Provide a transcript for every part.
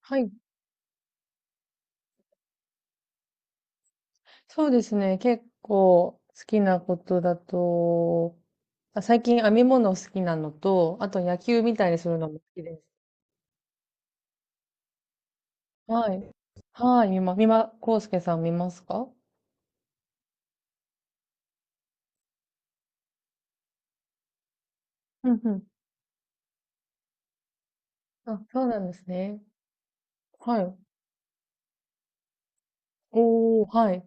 はい。そうですね。結構好きなことだと、最近編み物好きなのと、あと野球みたいにするのも好きです。はい。はい。みま、みま、こうすけさん見ますか？うんうん。あ、そうなんですね。はい。おー、はい。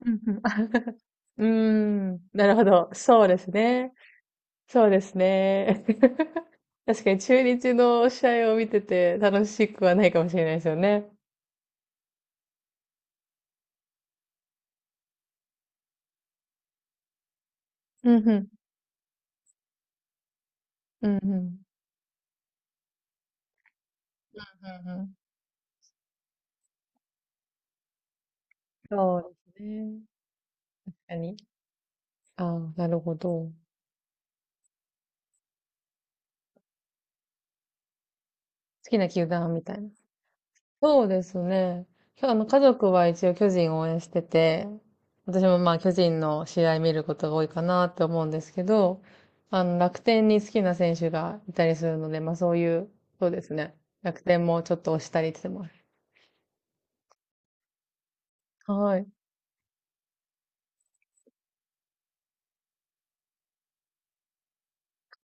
うんうん。あ、うーん。なるほど。そうですね。そうですね。確かに中日の試合を見てて楽しくはないかもしれないですよね。うんうん。うんうん。うんうん。そうですね。確かに。ああ、なるほど。好きな球団みたいな。そうですね。きょあの、家族は一応巨人を応援してて、私もまあ巨人の試合見ることが多いかなって思うんですけど、あの、楽天に好きな選手がいたりするので、まあそういう、そうですね。楽天もちょっと推したりしてます。はい。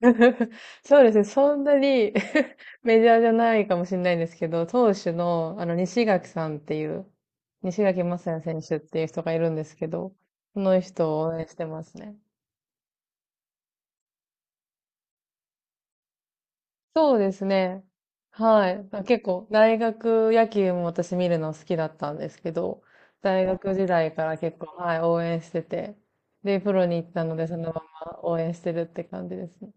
そうですね。そんなに メジャーじゃないかもしれないんですけど、投手の、あの、西垣さんっていう、西垣正也選手っていう人がいるんですけど、その人を応援してますね。そうですね。はい。まあ結構、大学野球も私見るの好きだったんですけど、大学時代から結構、はい、応援してて、で、プロに行ったので、そのまま応援してるって感じですね。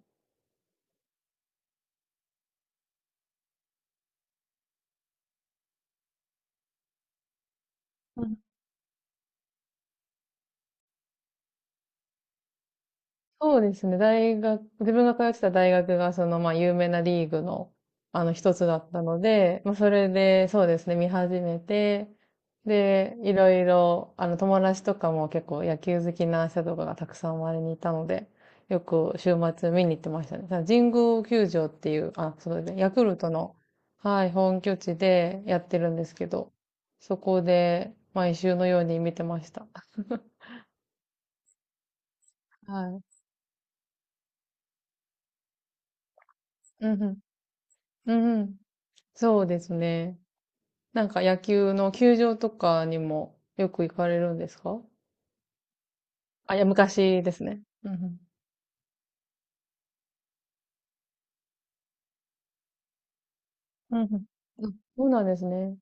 そうですね。大学、自分が通ってた大学が、その、まあ、有名なリーグの、あの、一つだったので、まあ、それで、そうですね、見始めて、で、いろいろ、あの、友達とかも結構野球好きな人とかがたくさん周りにいたので、よく週末見に行ってましたね。ただ神宮球場っていう、あ、そうですね、ヤクルトの、はい、本拠地でやってるんですけど、そこで、毎週のように見てました。はい。うんうん。うんうん。そうですね。なんか野球の球場とかにもよく行かれるんですか？あ、いや、昔ですね。うんうん。うんうん。あ、そうなんですね。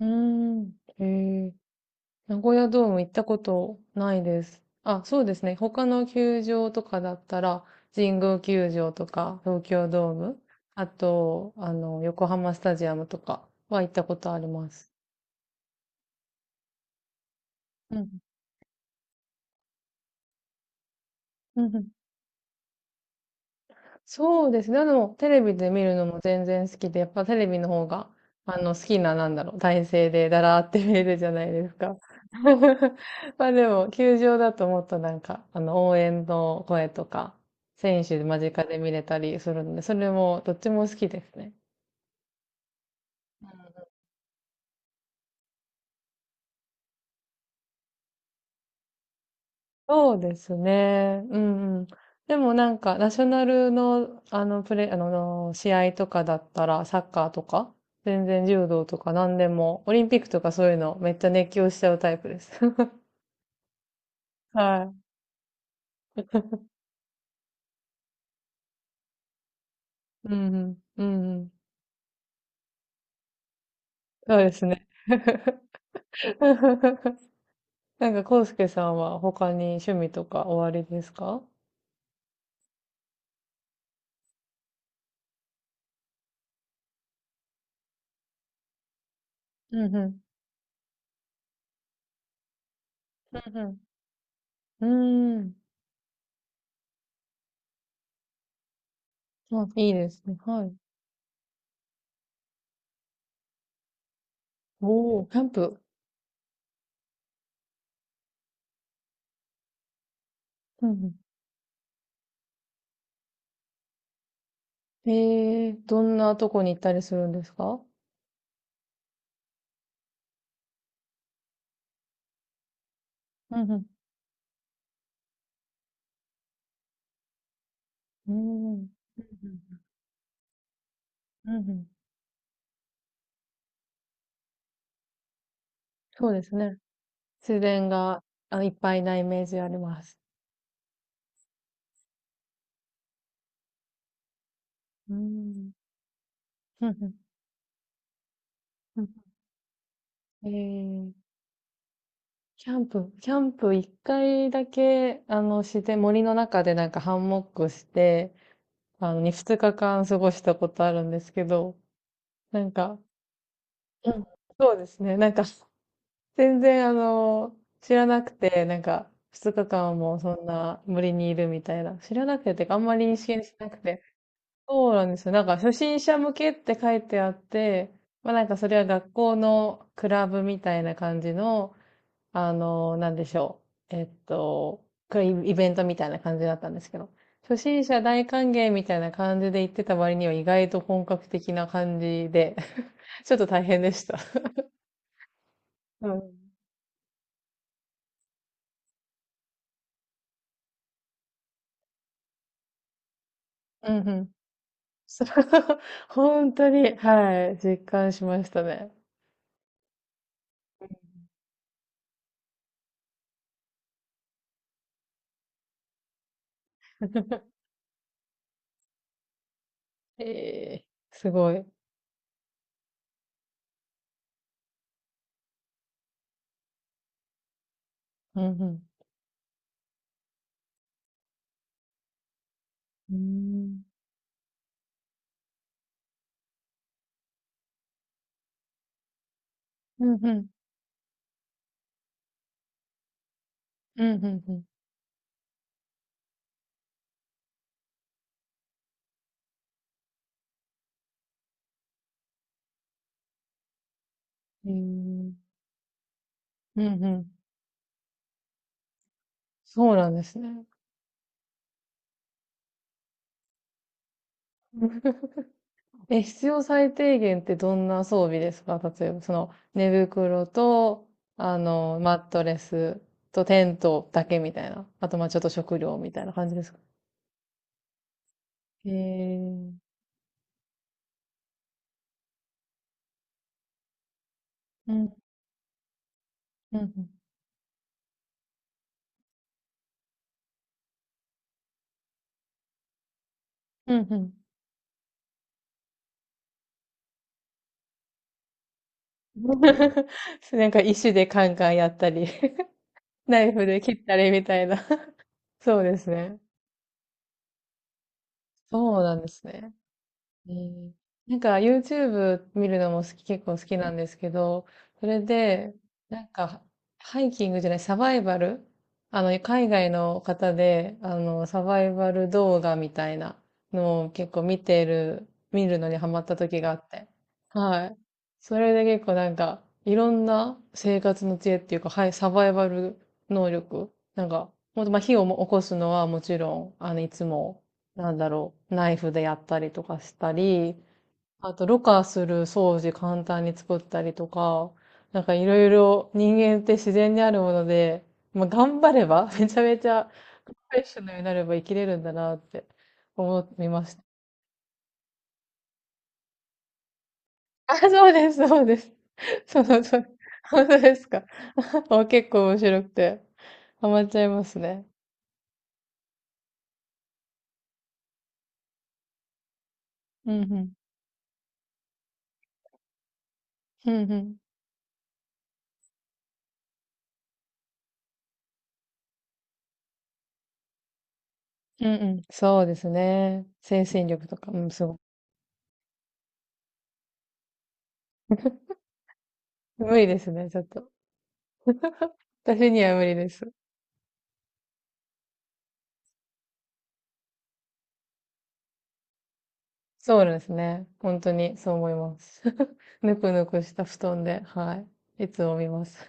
うん。うーん。へえ。名古屋ドーム行ったことないです。あ、そうですね。他の球場とかだったら、神宮球場とか、東京ドーム、あと、あの、横浜スタジアムとかは行ったことあります。うん。うんうん。そうですね。でも、テレビで見るのも全然好きで、やっぱテレビの方が、あの、好きな、なんだろう、体勢でだらーって見れるじゃないですか。まあでも、球場だともっとなんか、あの、応援の声とか、選手間近で見れたりするので、それも、どっちも好きですね。そうですね。うんうん。でもなんか、ナショナルの、あの、試合とかだったら、サッカーとか、全然柔道とか何でも、オリンピックとかそういうの、めっちゃ熱狂しちゃうタイプです。はい。うんうん。うんうん。そうですね。なんか、コウスケさんは他に趣味とかおありですか？うんうん。うんうん。うーん。あ、いいですね。はい。おー、キャンプ。うんうん。ええ、どんなとこに行ったりするんですか？うんうん。うーん。うんうん。うんうん。そうですね。自然が、あ、いっぱいなイメージあります。うん。うんうん。うんうん。ええ、キャンプ1回だけ、あの、自然森の中でなんかハンモックして、あの、に2日間過ごしたことあるんですけど、なんか、うん、そうですね、なんか全然、あの、知らなくて、なんか、2日間もそんな森にいるみたいな。知らなくて、てかあんまり認識してなくて。そうなんですよ。なんか、初心者向けって書いてあって、まあなんか、それは学校のクラブみたいな感じの、あの、なんでしょう。クイイベントみたいな感じだったんですけど。初心者大歓迎みたいな感じで行ってた割には意外と本格的な感じで、ちょっと大変でした。うん。うんうん。そう、本当に、はい、実感しましたね。ええ、すごい。うんうん。うーん。うんうん。うんうんうん。へえ。うんうんうんうん。そうなんですね。え、必要最低限ってどんな装備ですか？例えば、その、寝袋と、あの、マットレスとテントだけみたいな。あと、まあちょっと食料みたいな感じですか？えー。うん、うん、うん、うん。なんか石でカンカンやったり、ナイフで切ったりみたいな。そうですね。そうなんですね。えー、なんか YouTube 見るのも好き、結構好きなんですけど、それで、なんか、ハイキングじゃない、サバイバル、あの、海外の方で、あの、サバイバル動画みたいなのを結構見てる、見るのにハマった時があって。はい。それで結構なんか、いろんな生活の知恵っていうか、はい、サバイバル能力。なんか、もっとまあ火をも起こすのはもちろん、あの、いつもなんだろう、ナイフでやったりとかしたり、あと、ろ過する掃除簡単に作ったりとか、なんかいろいろ人間って自然にあるもので、まあ、頑張れば、めちゃめちゃプロフェッショナルになれば生きれるんだなって思いました。あ、そうです、そうです。そうそう。本当ですか。あ、結構面白くて、ハマっちゃいますね。うんうん。うんうん。うんうん。そうですね。精神力とか、うん、すごい。無理ですね、ちょっと。私には無理です。そうですね。本当にそう思います。ぬくぬくした布団で、はい。いつも見ます。